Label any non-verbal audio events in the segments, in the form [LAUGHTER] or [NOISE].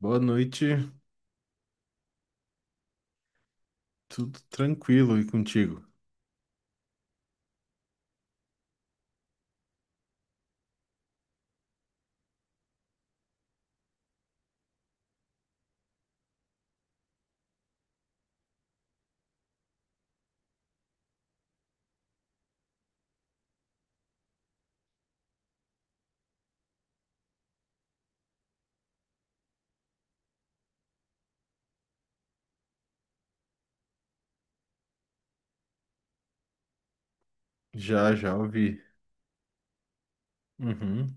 Boa noite, tudo tranquilo e contigo? Já, já ouvi. Uhum.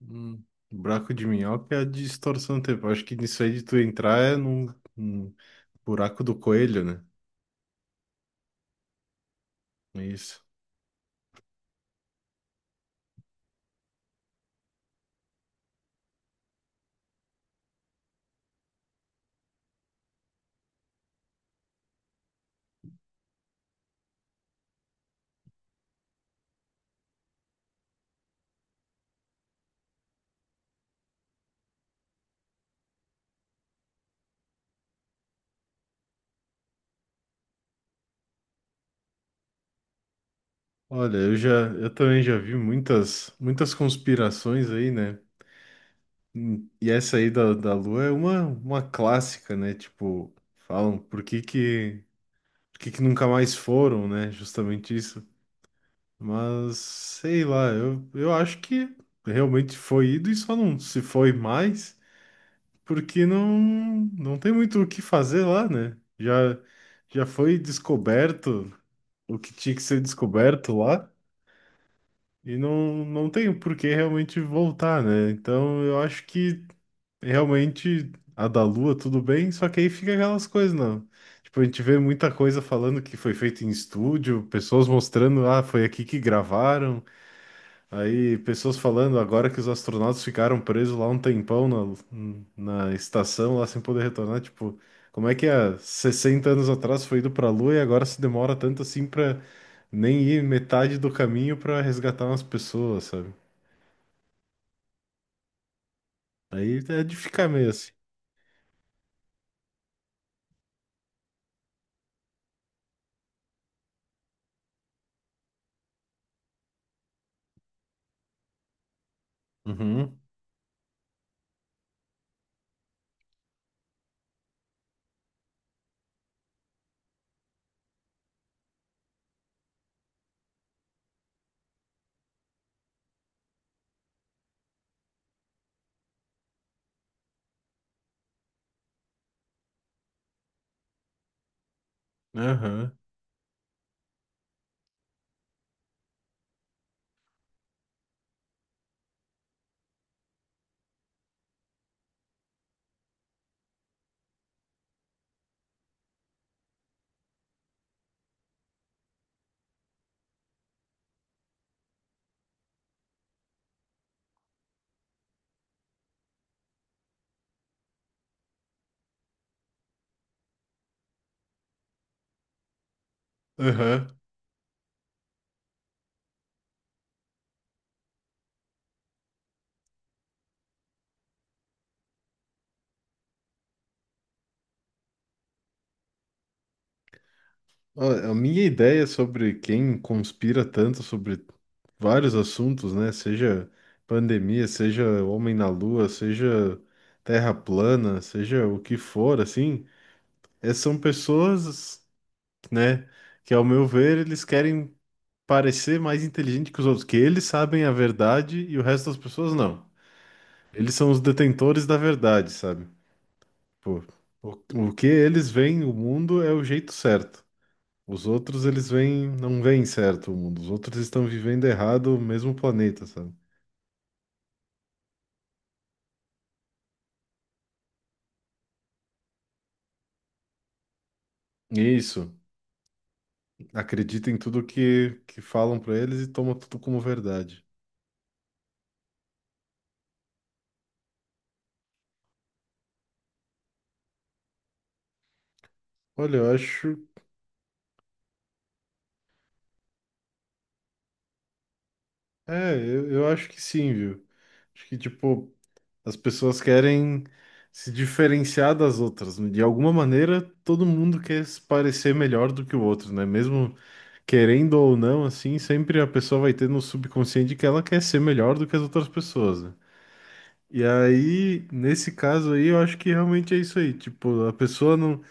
Hum, Buraco de minhoca é a distorção do tempo. Acho que nisso aí de tu entrar é num buraco do coelho, né? É isso. Olha, eu já, eu também já vi muitas, muitas conspirações aí, né? E essa aí da Lua é uma clássica, né? Tipo, falam por que que nunca mais foram, né? Justamente isso. Mas sei lá, eu acho que realmente foi ido e só não se foi mais, porque não, não tem muito o que fazer lá, né? Já, já foi descoberto o que tinha que ser descoberto lá, e não tem por que realmente voltar, né? Então eu acho que realmente a da Lua tudo bem, só que aí fica aquelas coisas, não. Tipo, a gente vê muita coisa falando que foi feito em estúdio, pessoas mostrando, ah, foi aqui que gravaram. Aí, pessoas falando agora que os astronautas ficaram presos lá um tempão na estação, lá sem poder retornar. Tipo, como é que há 60 anos atrás foi ido pra Lua e agora se demora tanto assim pra nem ir metade do caminho pra resgatar umas pessoas, sabe? Aí é de ficar meio assim. Uhum, aham, aham. Ó, a minha ideia sobre quem conspira tanto sobre vários assuntos, né? Seja pandemia, seja homem na lua, seja terra plana, seja o que for, assim, é, são pessoas, né, que ao meu ver, eles querem parecer mais inteligente que os outros, que eles sabem a verdade e o resto das pessoas não. Eles são os detentores da verdade, sabe? Pô, o, o que eles veem o mundo é o jeito certo. Os outros, eles veem, não veem certo o mundo. Os outros estão vivendo errado o mesmo planeta, sabe? Isso. Acredita em tudo que falam pra eles e toma tudo como verdade. Olha, eu acho. Eu acho que sim, viu? Acho que, tipo, as pessoas querem se diferenciar das outras. De alguma maneira, todo mundo quer se parecer melhor do que o outro, né? Mesmo querendo ou não, assim, sempre a pessoa vai ter no subconsciente que ela quer ser melhor do que as outras pessoas, né? E aí, nesse caso aí, eu acho que realmente é isso aí. Tipo, a pessoa não.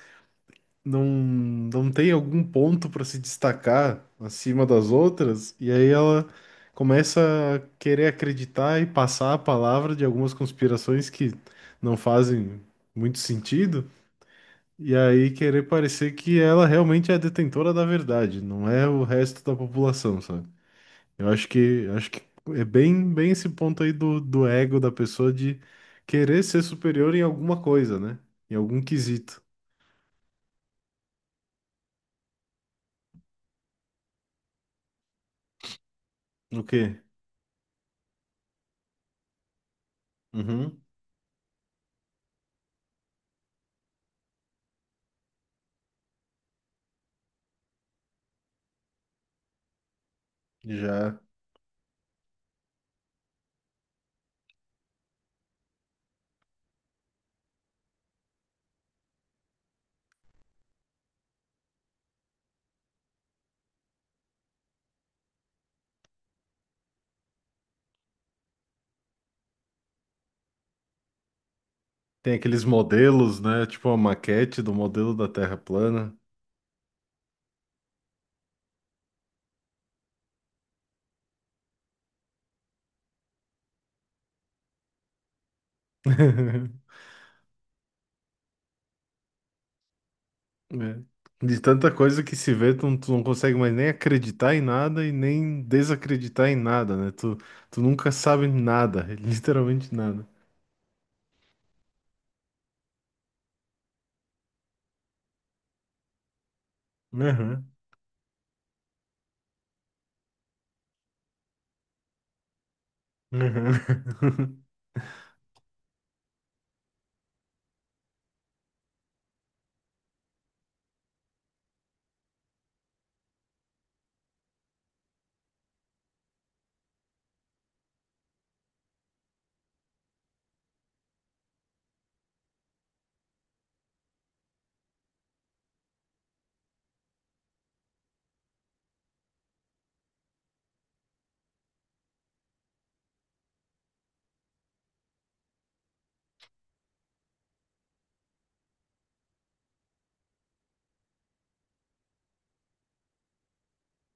não tem algum ponto para se destacar acima das outras, e aí ela começa a querer acreditar e passar a palavra de algumas conspirações que não fazem muito sentido, e aí querer parecer que ela realmente é a detentora da verdade, não é o resto da população, sabe? Eu acho que é bem esse ponto aí do ego da pessoa de querer ser superior em alguma coisa, né? Em algum quesito. O quê? Uhum. Já. Tem aqueles modelos, né? Tipo a maquete do modelo da Terra plana. [LAUGHS] É. De tanta coisa que se vê, tu não consegue mais nem acreditar em nada e nem desacreditar em nada, né? Tu, tu nunca sabe nada, [LAUGHS] literalmente nada. Uhum, uhum.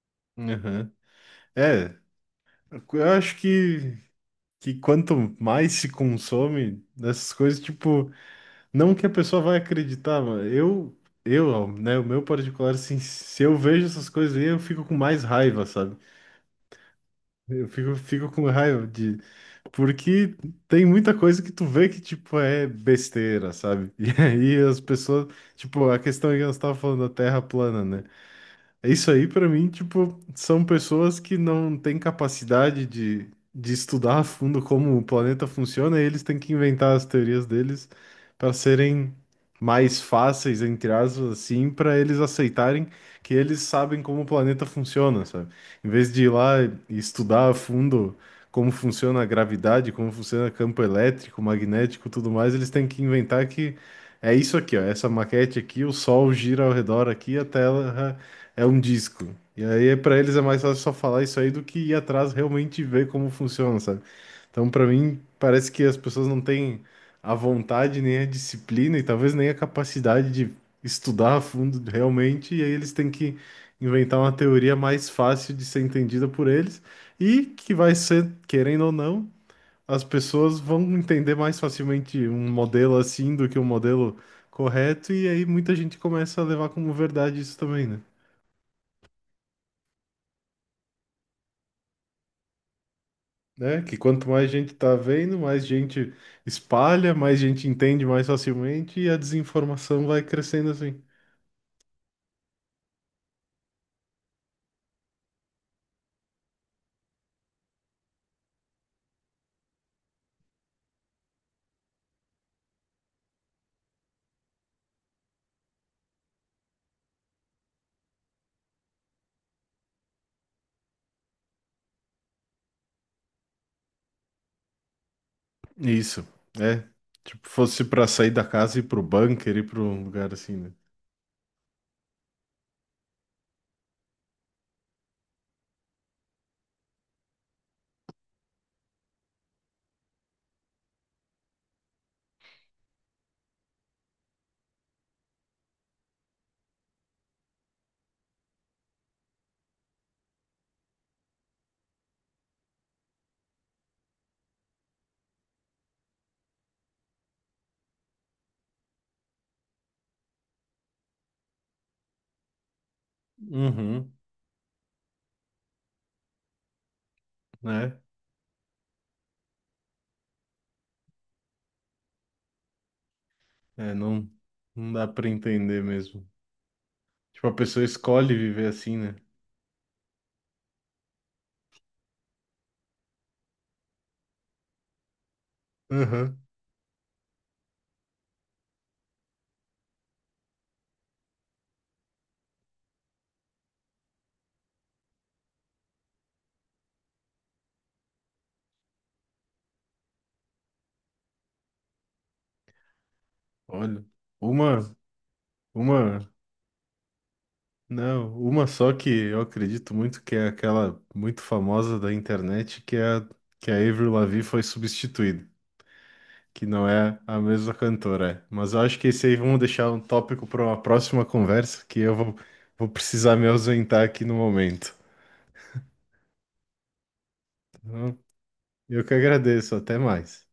[LAUGHS] Uhum. É, eu acho que quanto mais se consome dessas coisas, tipo. Não que a pessoa vai acreditar, mano. Ó, né, o meu particular, assim, se eu vejo essas coisas aí, eu fico com mais raiva, sabe? Fico com raiva de. Porque tem muita coisa que tu vê que, tipo, é besteira, sabe? [LAUGHS] E aí as pessoas. Tipo, a questão é que nós estávamos falando da Terra plana, né? É isso aí, pra mim, tipo, são pessoas que não têm capacidade de estudar a fundo como o planeta funciona e eles têm que inventar as teorias deles para serem mais fáceis, entre aspas, assim, para eles aceitarem que eles sabem como o planeta funciona, sabe? Em vez de ir lá e estudar a fundo como funciona a gravidade, como funciona campo elétrico, magnético, tudo mais, eles têm que inventar que é isso aqui, ó, essa maquete aqui, o Sol gira ao redor aqui, a Terra é um disco. E aí, pra eles é mais fácil só falar isso aí do que ir atrás realmente e ver como funciona, sabe? Então, pra mim, parece que as pessoas não têm a vontade, nem a disciplina e talvez nem a capacidade de estudar a fundo realmente. E aí, eles têm que inventar uma teoria mais fácil de ser entendida por eles e que vai ser, querendo ou não, as pessoas vão entender mais facilmente um modelo assim do que um modelo correto. E aí, muita gente começa a levar como verdade isso também, né? Né? Que quanto mais gente tá vendo, mais gente espalha, mais gente entende mais facilmente e a desinformação vai crescendo assim. Isso, é. Tipo, fosse para sair da casa e ir pro bunker, ir para um lugar assim, né? Uhum, né? É, não dá para entender mesmo. Tipo, a pessoa escolhe viver assim, né? Uhum. Olha, uma, uma, não, uma só que eu acredito muito que é aquela muito famosa da internet, que é que a Avril Lavigne foi substituída. Que não é a mesma cantora. É. Mas eu acho que esse aí vamos deixar um tópico para uma próxima conversa, vou precisar me ausentar aqui no momento. Então, eu que agradeço, até mais.